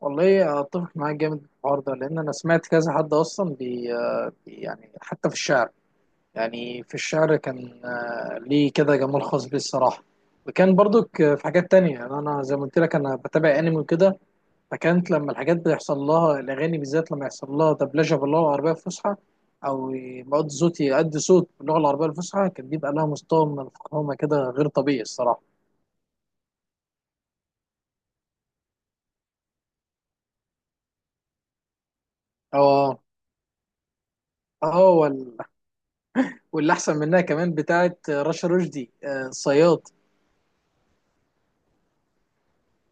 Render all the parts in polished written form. والله اتفق معاك جامد في الحوار ده، لان انا سمعت كذا حد اصلا يعني حتى في الشعر. يعني في الشعر كان ليه كده جمال خاص بيه الصراحه. وكان برضك في حاجات تانية. يعني انا زي ما قلت لك انا بتابع انمي وكده، فكانت لما الحاجات بيحصل لها الاغاني، بالذات لما يحصل لها دبلجه باللغه العربيه الفصحى او بقعد صوتي يأدي صوت باللغه العربيه الفصحى، كان بيبقى لها مستوى من الفخامه كده غير طبيعي الصراحه. اه. اه، واللي احسن منها كمان بتاعه رشا رشدي الصياد.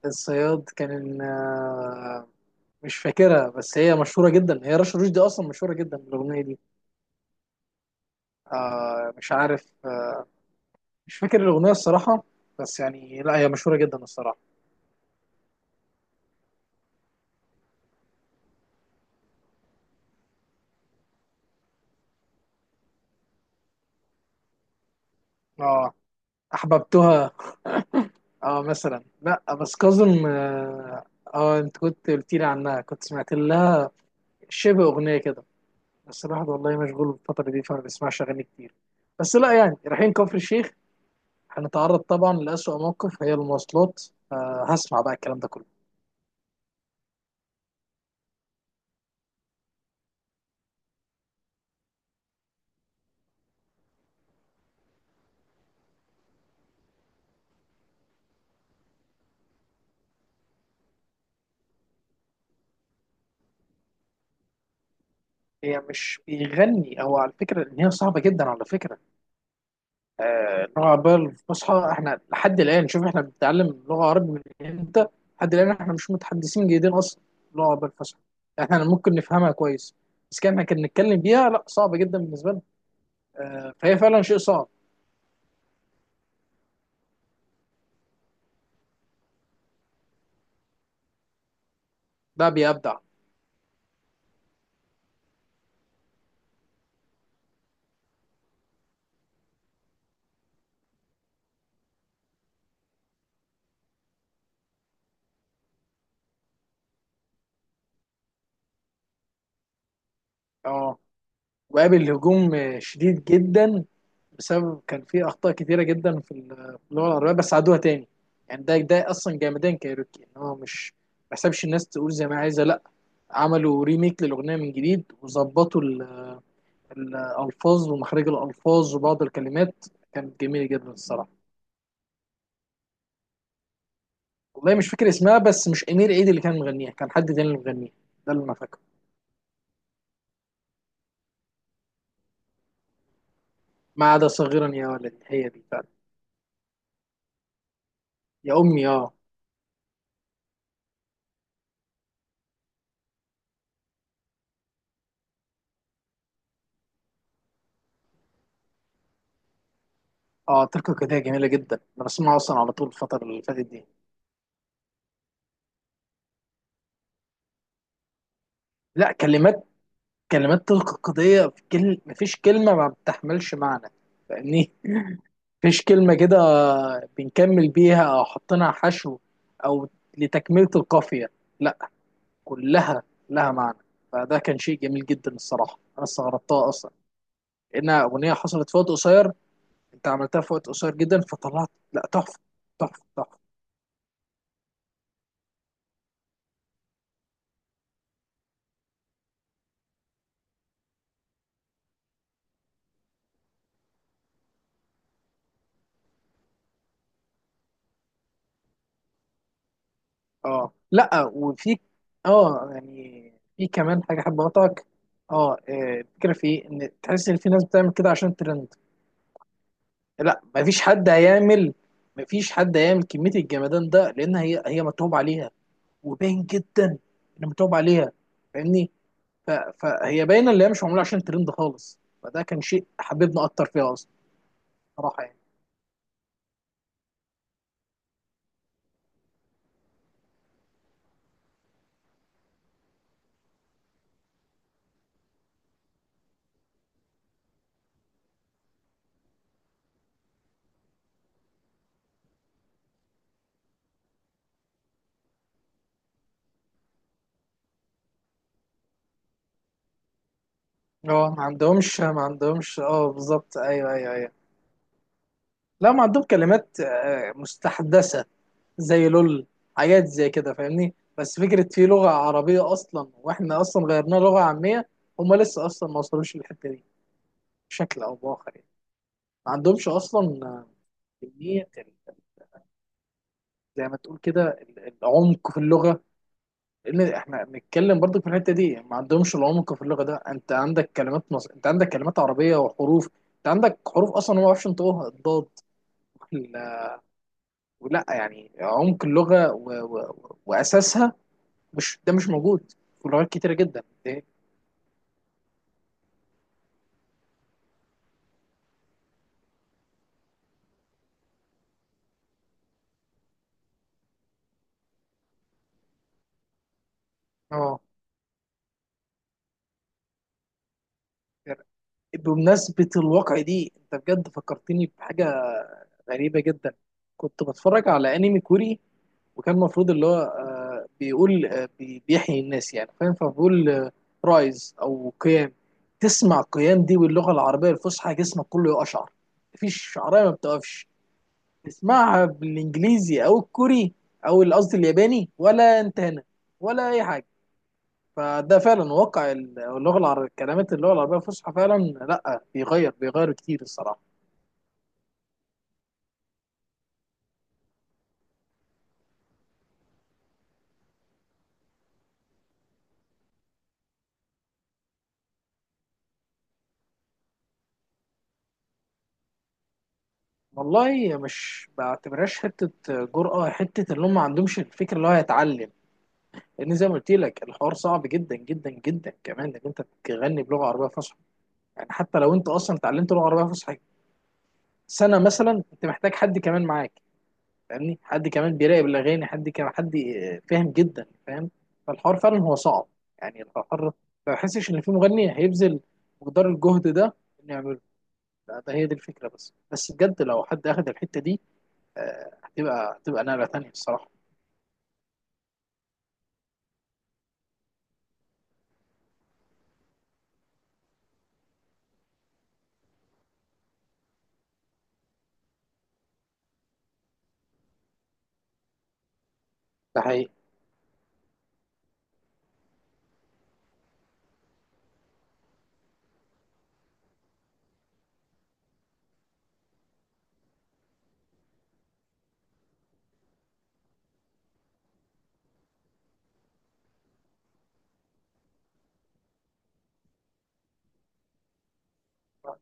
الصياد كان مش فاكرها، بس هي مشهوره جدا، هي رشا رشدي اصلا مشهوره جدا بالاغنيه دي. مش عارف، مش فاكر الاغنيه الصراحه، بس يعني لا هي مشهوره جدا الصراحه. اه، احببتها. اه مثلا، لا بس كاظم، اه. انت كنت قلت لي عنها، كنت سمعت لها شبه اغنيه كده. بس الواحد والله مشغول الفتره دي فما بيسمعش اغاني كتير، بس لا يعني رايحين كفر الشيخ، هنتعرض طبعا لأسوأ موقف هي المواصلات. هسمع بقى الكلام ده كله. هي مش بيغني، هو على فكرة ان هي صعبة جدا على فكرة. اللغة العربية الفصحى، احنا لحد الآن، شوف احنا بنتعلم لغة عربي من امتى، لحد الآن احنا مش متحدثين جيدين أصلا اللغة العربية الفصحى. احنا ممكن نفهمها كويس، بس كان نتكلم بيها لا صعبة جدا بالنسبة لنا. فهي فعلا شيء صعب. ده بيبدع. اه، وقابل هجوم شديد جدا، بسبب كان في اخطاء كتيره جدا في اللغه العربيه، بس عادوها تاني. يعني ده اصلا جامدين كايروكي، ان هو مش ما حسبش الناس تقول زي ما عايزه، لا، عملوا ريميك للاغنيه من جديد وظبطوا الالفاظ ومخارج الالفاظ وبعض الكلمات، كانت جميله جدا الصراحه. والله مش فاكر اسمها، بس مش امير عيد اللي كان مغنيها، كان حد تاني اللي مغنيها، ده اللي انا فاكره. ما عدا صغيرا يا ولد، هي دي فعلا. يا امي، اه. اه، تركه كده جميله جدا، انا بسمعها اصلا على طول الفتره اللي فاتت دي. لا كلمات تلقائية في كل، مفيش كلمة ما بتحملش معنى. فاهمني؟ مفيش كلمة كده بنكمل بيها أو حطينا حشو أو لتكملة القافية، لا، كلها لها معنى. فده كان شيء جميل جدا الصراحة، أنا استغربتها أصلا إنها أغنية حصلت في وقت قصير، أنت عملتها في وقت قصير جدا فطلعت لا تحفة، تحفة تحفة. أه لا، وفي، يعني في كمان حاجة حابة أقطعك. أه آه، الفكرة في إيه؟ إن تحس إن في ناس بتعمل كده عشان ترند. لا، مفيش حد هيعمل، كمية الجمدان ده، لأن هي متعوب عليها، وباين جدا إن متعوب عليها. فاهمني؟ ف- فهي باينة اللي هي مش معمولة عشان ترند خالص، فده كان شيء حببنا أكتر فيها أصلا. صراحة يعني. اه، ما عندهمش، اه بالظبط، أيوه أيوه أيوه. لا، ما عندهم كلمات مستحدثة زي لول، حاجات زي كده. فاهمني؟ بس فكرة في لغة عربية أصلا، وإحنا أصلا غيرناها لغة عامية، هما لسه أصلا ما وصلوش للحتة دي بشكل أو بآخر يعني. ما عندهمش اصلا كميه، زي ما تقول كده العمق في اللغه. لان احنا بنتكلم برضو في الحته دي، ما عندهمش العمق في اللغه. ده انت عندك كلمات مصر، انت عندك كلمات عربيه وحروف. انت عندك حروف اصلا هو ما يعرفش ينطقوها، الضاد وال- ولا يعني عمق اللغه واساسها، مش ده مش موجود في لغات كتيره جدا اه، بمناسبه الواقع دي، انت بجد فكرتني بحاجه غريبة جدا. كنت بتفرج على انمي كوري، وكان المفروض اللي هو بيقول بيحيي الناس، يعني فاهم، فبقول رايز او قيام. تسمع قيام دي باللغة العربية الفصحى جسمك كله يقشعر، مفيش شعرية ما بتقفش. تسمعها بالانجليزي او الكوري قصدي الياباني، ولا انت هنا ولا اي حاجة. فده فعلا واقع اللغة العربية، كلمات اللغة العربية الفصحى فعلا لا بيغير كتير الصراحة. والله مش بعتبرهاش حتة جرأة، حتة اللي هم ما عندهمش الفكرة اللي هو يتعلم. لأن زي ما قلت لك الحوار صعب جدا جدا جدا، كمان إنك أنت تغني بلغة عربية فصحى. يعني حتى لو أنت أصلا اتعلمت لغة عربية فصحى سنة مثلا، أنت محتاج حد كمان معاك، فاهمني، حد كمان بيراقب الأغاني، حد كمان، حد فاهم جدا فاهم. فالحوار فعلا هو صعب، يعني الحوار، ما بحسش إن في مغني هيبذل مقدار الجهد ده إنه يعمله. لا، ده هي دي الفكرة، بس بجد لو حد أخد الحتة دي آه، هتبقى نقلة تانية الصراحة. ده حقيقي.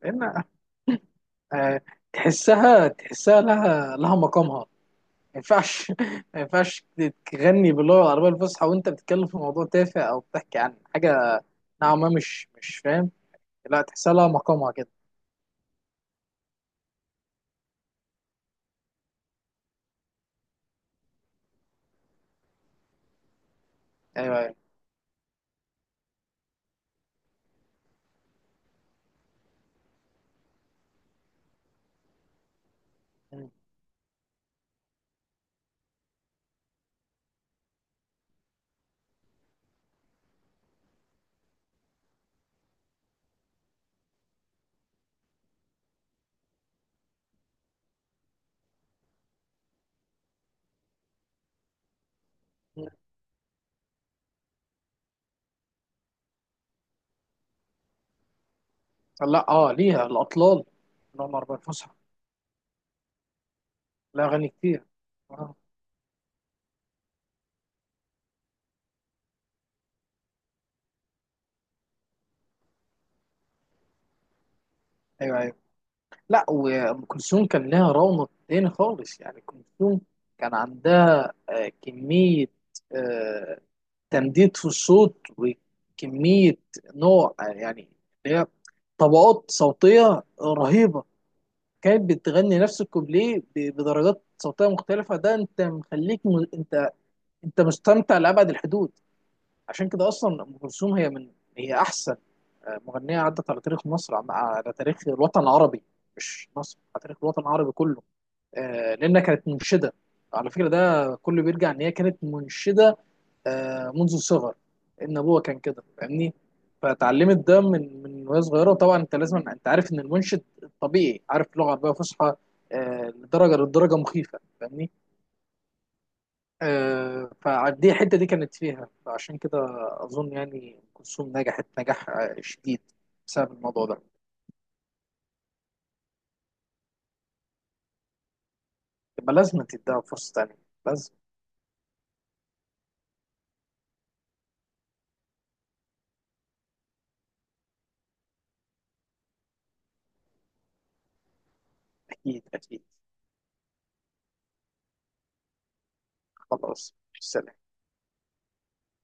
لأن آه، تحسها لها مقامها، ما ينفعش ما ينفعش تغني باللغة العربية الفصحى وأنت بتتكلم في موضوع تافه أو بتحكي عن حاجة نوعا ما، مش فاهم. لا، تحسها لها مقامها كده. أيوه أيوه. م- م. لا أه، ليها الأطلال اللغة العربية الفصحى، لها أغاني كتير آه، أيوه أيوه. لا، وأم كلثوم كان لها رونق تاني خالص، يعني أم كلثوم كان عندها كمية، آه، تمديد في الصوت، وكمية نوع يعني اللي هي طبقات صوتية رهيبة. كانت بتغني نفس الكوبليه بدرجات صوتية مختلفة، ده انت مخليك م... انت انت مستمتع لأبعد الحدود. عشان كده أصلا أم كلثوم، هي أحسن مغنية عدت على تاريخ مصر، على تاريخ الوطن العربي، مش مصر، على تاريخ الوطن العربي كله. لأنها كانت منشدة. على فكرة ده كله بيرجع إن هي كانت منشدة منذ الصغر، إن أبوها كان كده فاهمني. فاتعلمت ده من وهي صغيرة. طبعا أنت لازم، أنت عارف إن المنشد طبيعي عارف لغة عربية فصحى لدرجة مخيفة، فاهمني. فدي الحتة دي كانت فيها، فعشان كده أظن يعني أم كلثوم نجحت نجاح شديد بسبب الموضوع ده. يبقى لازم تديها فرصة تانية، لازم. أكيد أكيد. خلاص، سلام.